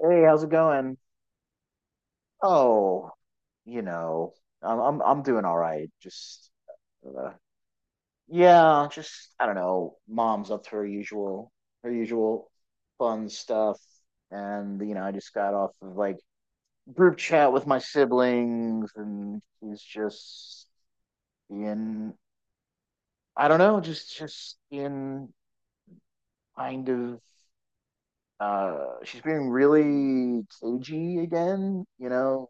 Hey, how's it going? Oh, you know, I'm doing all right. Just uh, yeah, just I don't know. Mom's up to her usual fun stuff, and you know, I just got off of like group chat with my siblings, and she's just in I don't know, just in kind of. She's being really cagey again, you know,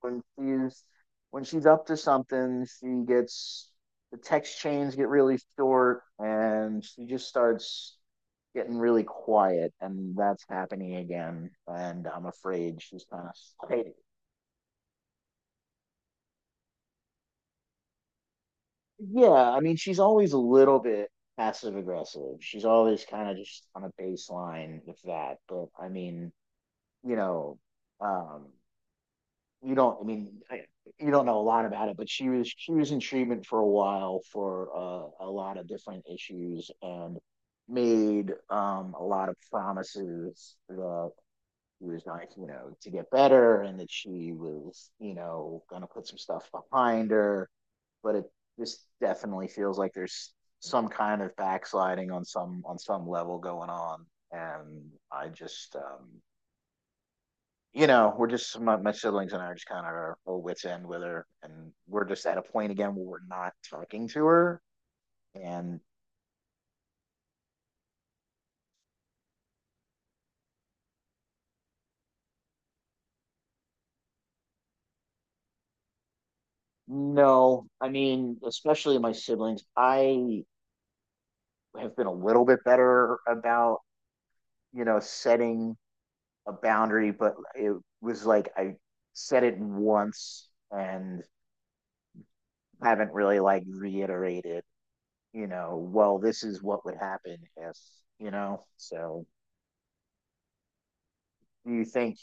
when she's when she's up to something, she gets the text chains get really short and she just starts getting really quiet and that's happening again and I'm afraid she's kind of. Yeah, I mean she's always a little bit passive aggressive. She's always kind of just on a baseline with that, but I mean, you know, um you don't. I mean, you don't know a lot about it, but she was in treatment for a while for a lot of different issues and made a lot of promises that she was going, you know, to get better and that she was, you know, going to put some stuff behind her. But it just definitely feels like there's some kind of backsliding on some level going on, and I just you know, we're just my siblings and I are just kind of our whole wits end with her, and we're just at a point again where we're not talking to her. And no, I mean, especially my siblings, I have been a little bit better about, you know, setting a boundary, but it was like I said it once and haven't really like reiterated. You know, well, this is what would happen if. So, do you think?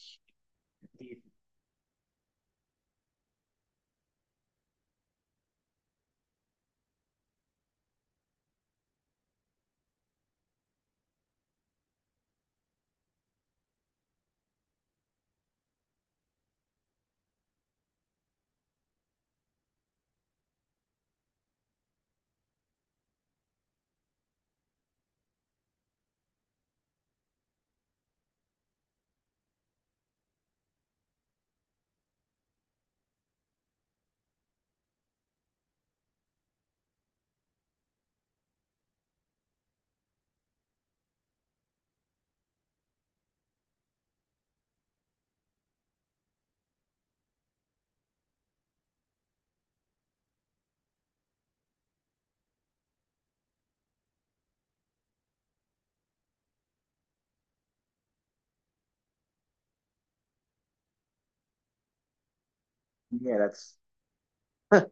Yeah, that's.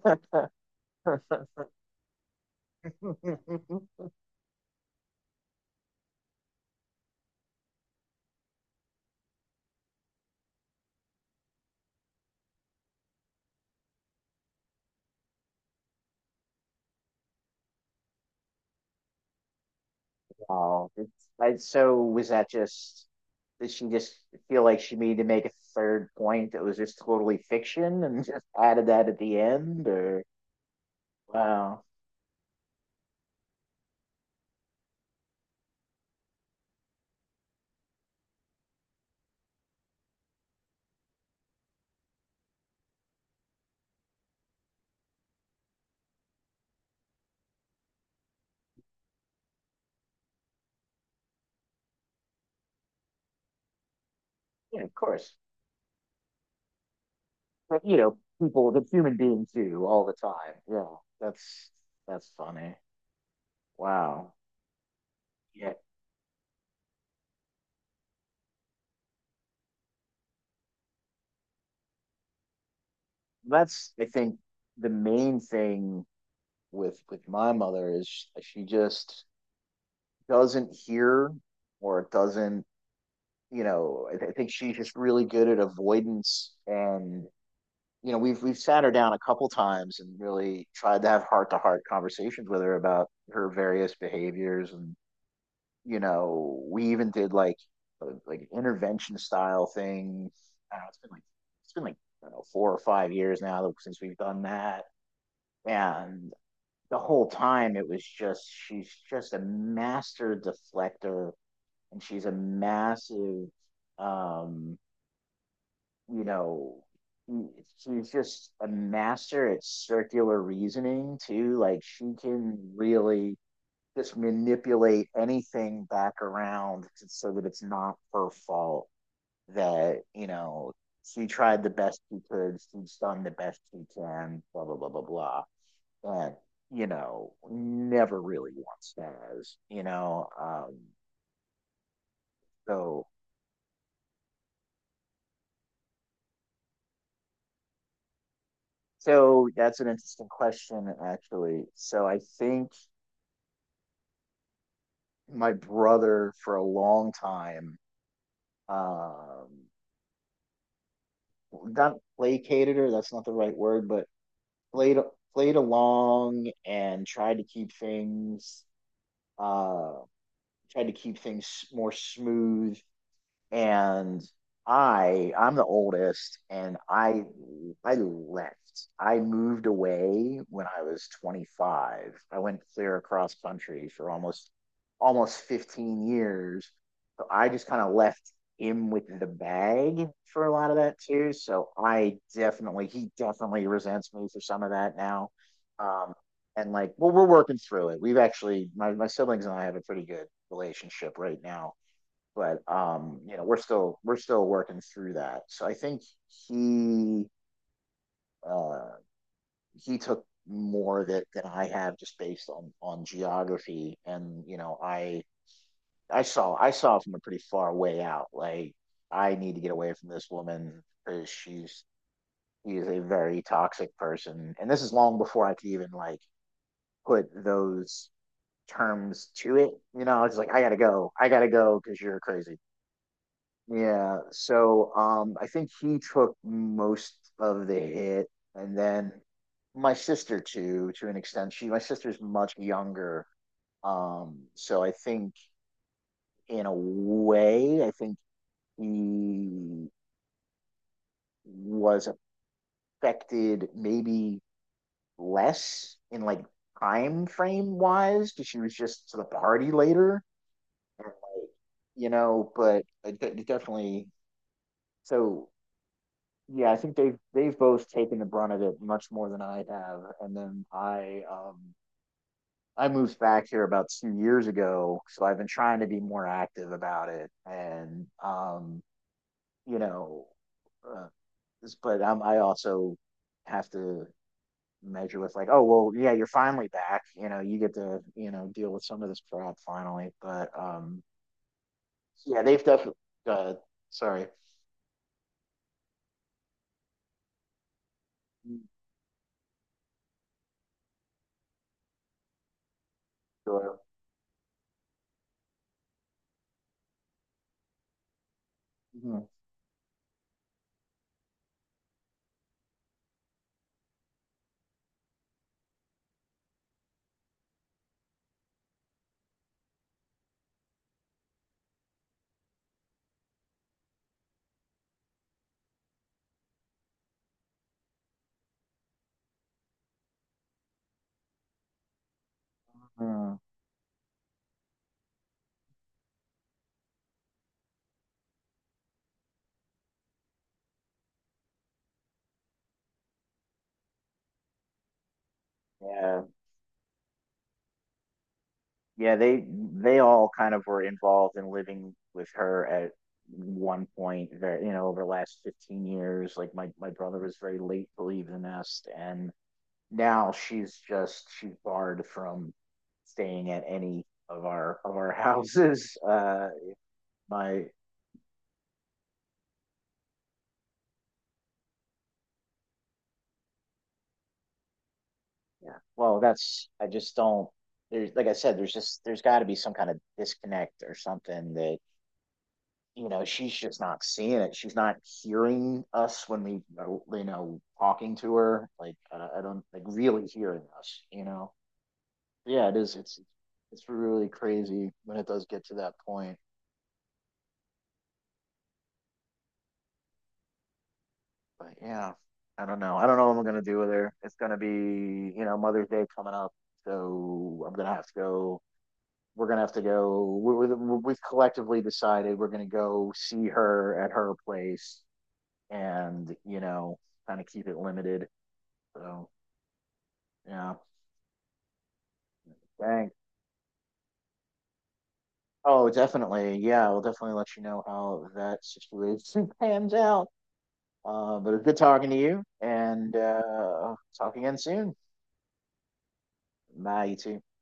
Wow. So was that just, did she just feel like she needed to make a third point that was just totally fiction and just added that at the end? Or, wow. Yeah, of course. But, you know, people, the human beings do all the time. Yeah, that's funny. Wow. Yeah. I think, the main thing with my mother is she just doesn't hear or doesn't, you know, I think she's just really good at avoidance. And you know, we've sat her down a couple times and really tried to have heart to heart conversations with her about her various behaviors. And you know, we even did like intervention style thing. I don't know, it's been like it's been like I don't know 4 or 5 years now since we've done that, and the whole time it was just she's just a master deflector, and she's a massive um you know, she's just a master at circular reasoning too. Like she can really just manipulate anything back around so that it's not her fault that, you know, she tried the best she could, she's done the best she can, blah blah blah blah blah. And, you know, never really wants stars, you know. So so that's an interesting question actually. So I think my brother for a long time. Um, Not placated her, that's not the right word, but played played along and uh tried to keep things more smooth, and I'm the oldest and I left. I moved away when I was 25. I went clear across country for almost 15 years. So I just kind of left him with the bag for a lot of that too. So I definitely he definitely resents me for some of that now. Um and like, well, we're working through it. My siblings and I have a pretty good relationship right now, but you know, we're still working through that. So I think he uh, he took more that than I have just based on geography, and you know, I saw from a pretty far way out. Like, I need to get away from this woman because she's he is a very toxic person, and this is long before I could even like put those terms to it. You know, it's like I gotta go because you're crazy. Yeah, so I think he took most of the hit, and then my sister too, to an extent. My sister's much younger, so I think in a way, I think he was affected maybe less in like time frame wise, because she was just to the party later, and like, you know, but it definitely so. Yeah, I think they've both taken the brunt of it much more than I have. And then I moved back here about 2 years ago, so I've been trying to be more active about it. And you know, uh, but I also have to measure with like, oh, well, yeah, you're finally back. You know, you get to, you know, deal with some of this crap finally. But yeah, they've definitely. Uh, Sorry. Sure. Mhm. Mhm. Yeah. Yeah, they all kind of were involved in living with her at one point. Very, you know, over the last 15 years, like my brother was very late to leave the nest, and now she's barred from staying at any of our houses. My yeah, well, that's, I just don't. There's, like I said, there's got to be some kind of disconnect or something, that, you know, she's just not seeing it, she's not hearing us when we, talking to her like, I don't like really hearing us. Yeah, it is. It's really crazy when it does get to that point, but yeah, I don't know what I'm gonna do with her. It's gonna be, you know, Mother's Day coming up, so I'm gonna have to go we're gonna have to go, we've collectively decided we're gonna go see her at her place and, you know, kind of keep it limited so. Yeah, dang. Oh, definitely. Yeah, we'll definitely let you know how that situation pans out. But it's good talking to you, and talk again soon. Bye, you two.